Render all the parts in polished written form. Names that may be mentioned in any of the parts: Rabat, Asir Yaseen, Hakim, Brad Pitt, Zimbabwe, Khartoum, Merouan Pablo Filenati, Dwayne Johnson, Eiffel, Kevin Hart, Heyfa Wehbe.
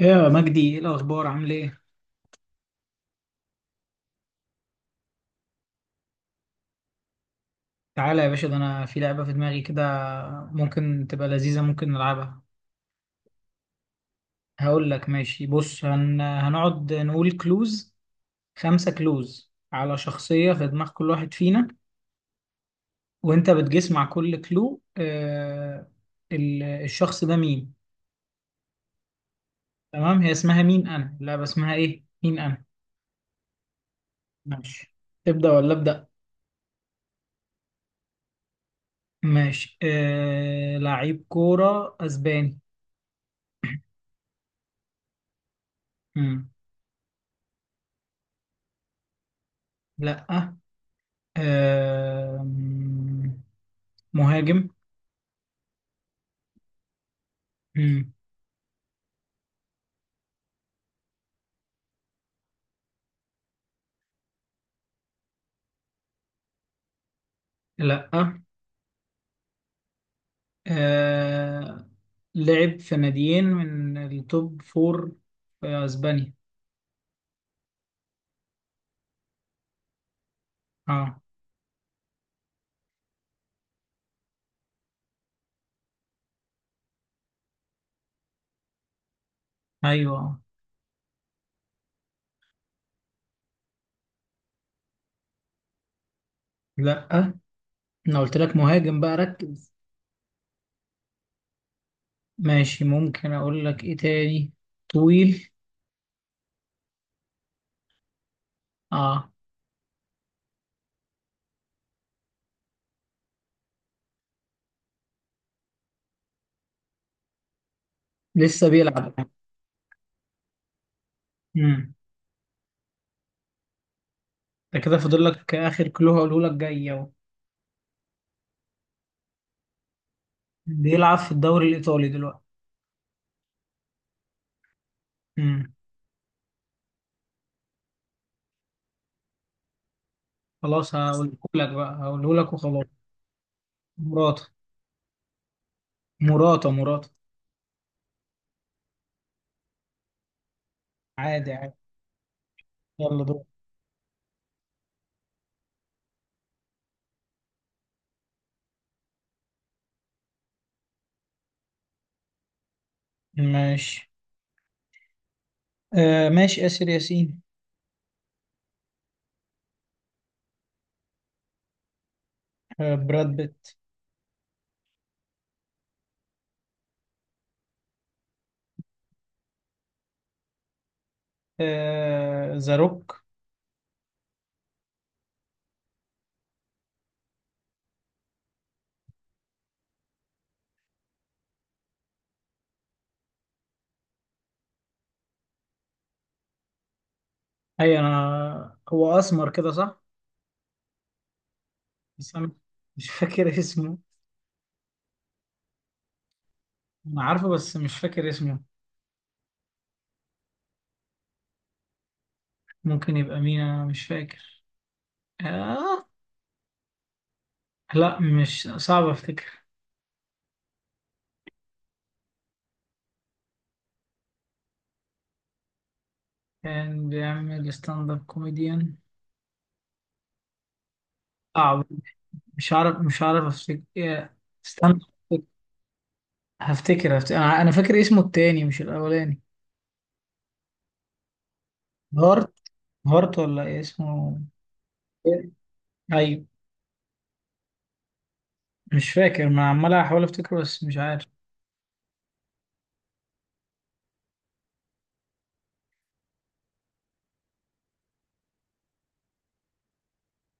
ايه يا مجدي؟ ايه الاخبار؟ عامل ايه؟ تعالى يا باشا، ده انا في لعبه في دماغي كده، ممكن تبقى لذيذه، ممكن نلعبها. هقول لك. ماشي، بص، هنقعد نقول كلوز. 5 كلوز على شخصيه في دماغ كل واحد فينا، وانت بتجس مع كل كلو الشخص ده مين. تمام، هي اسمها مين انا، اللعبه اسمها ايه؟ مين انا. ماشي. تبدا ولا ابدا؟ ماشي، لعيب كوره اسباني. مم. لا. آم، مهاجم. مم. لا. آه، لعب في ناديين من التوب فور في اسبانيا. اه. ايوه. لا، انا قلت لك مهاجم بقى، ركز. ماشي، ممكن اقول لك ايه تاني. طويل. اه. لسه بيلعب. امم ده كده فاضل لك اخر كلو هقوله لك، جاي اهو. بيلعب في الدوري الايطالي دلوقتي. امم خلاص، هقوله لك بقى، هقوله لك وخلاص. مراته. مراته مراته. عادي عادي. يلا دور. ماشي، ماشي، آسر ياسين. براد بيت. ذا روك. اي، انا هو اسمر كده، صح؟ بس انا مش فاكر اسمه. انا عارفه بس مش فاكر اسمه. ممكن يبقى مين انا؟ مش فاكر. آه لا، مش صعب افتكر. كان بيعمل ستاند اب كوميديان. صعب. مش عارف افتكر. استنى هفتكر. هفتكر هفتكر. انا فاكر اسمه التاني مش الاولاني. هارت. هارت ولا إيه اسمه؟ ايوه. مش فاكر، ما عمال احاول افتكره بس مش عارف.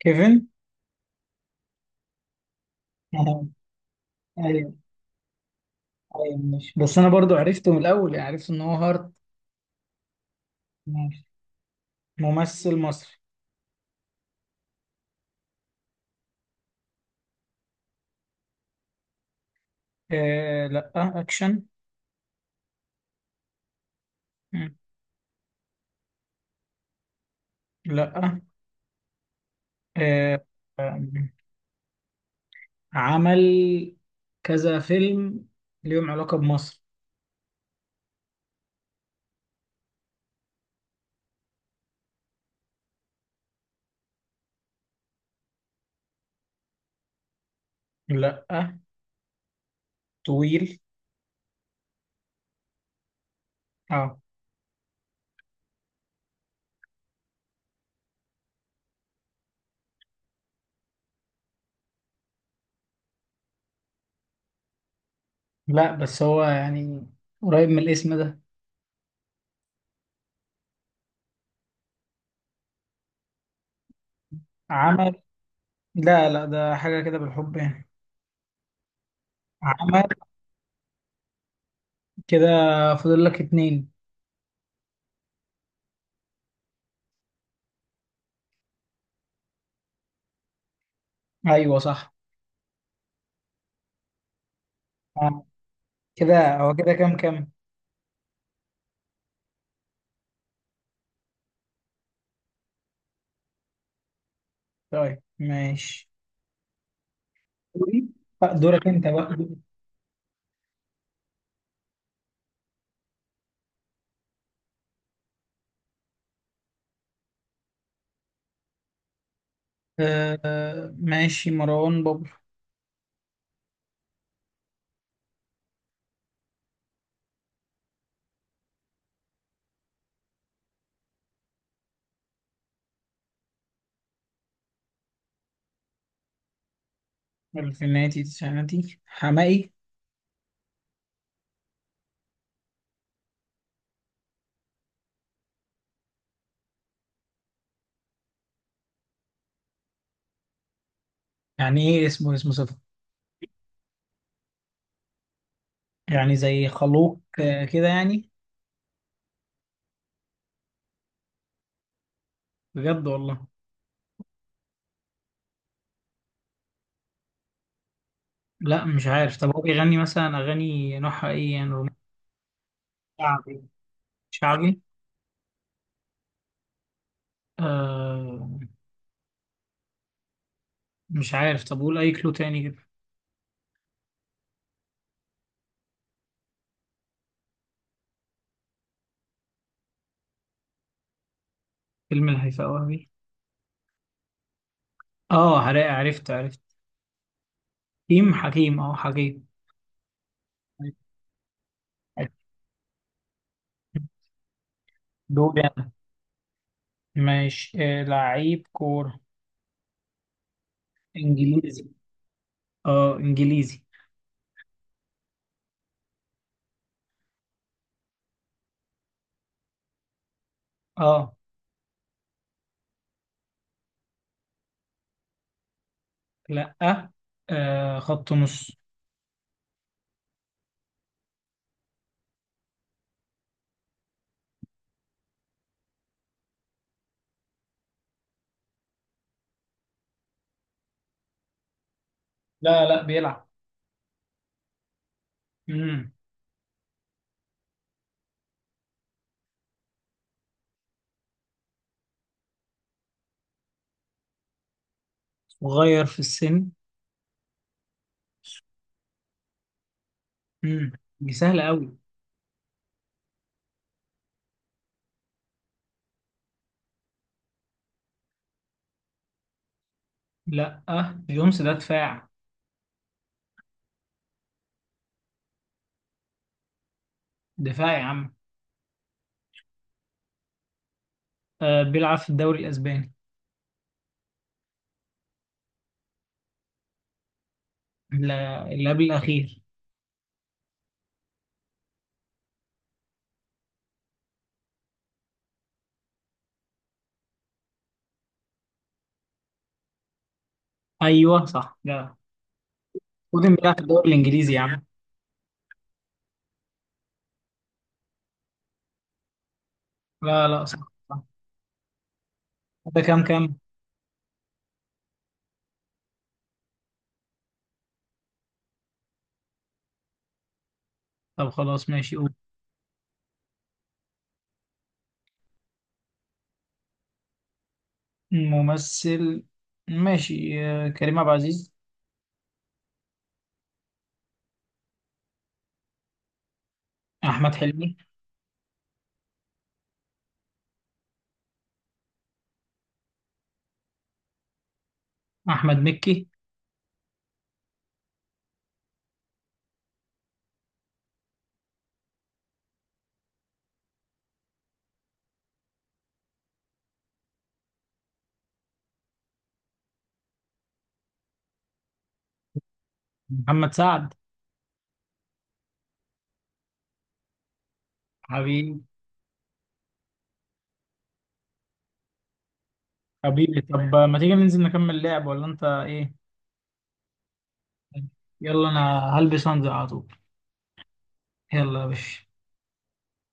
كيفن. آه، ايوه. ايوه، مش بس انا برضو عرفته من الاول، يعني عرفت ان هو هارت. ماشي. ممثل مصري. لا. اكشن. مم. لا. آه آم، عمل كذا فيلم ليهم علاقة بمصر. لا. طويل. اه. لا، بس هو يعني قريب من الاسم ده. عمل. لا لا، ده حاجة كده بالحب يعني. عمل كده. فاضل لك اتنين. ايوه صح. آه. كده هو كده؟ كام كام. طيب ماشي. دوري. دورك انت بقى. آه ماشي، مروان بابلو. الفيناتي تسعيناتي حمائي؟ يعني ايه اسمه صفر؟ يعني زي خلوق كده يعني. بجد والله. لا، مش عارف. طب هو بيغني مثلا اغاني نوعها ايه؟ يعني رومانسي. شعبي. شعبي. آه. مش عارف. طب قول اي كلو تاني كده. فيلم الهيفاء وهبي. اه، عرفت عرفت عرفت. حكيم. حكيم، اه، حكيم. دوري أنا. ماشي، لعيب كورة انجليزي. اه، انجليزي. اه. لا. خط نص. لا لا، بيلعب. امم. صغير في السن. امم. دي سهلة قوي. لا، جونس ده دفاع. دفاع يا عم. بيلعب في الدوري الاسباني. لا، اللي قبل الاخير. ايوه صح. لا. ودن بيلعب في الدوري الانجليزي يا عم. لا لا. صح صح. ده كام كام. طب خلاص، ماشي، قول. ممثل. ماشي، كريم عبد العزيز. احمد حلمي. احمد مكي. محمد سعد. حبيبي. حبيبي، طب ما تيجي ننزل نكمل لعب ولا انت ايه؟ يلا انا. هلبس وانزل على طول. يلا يا باشا.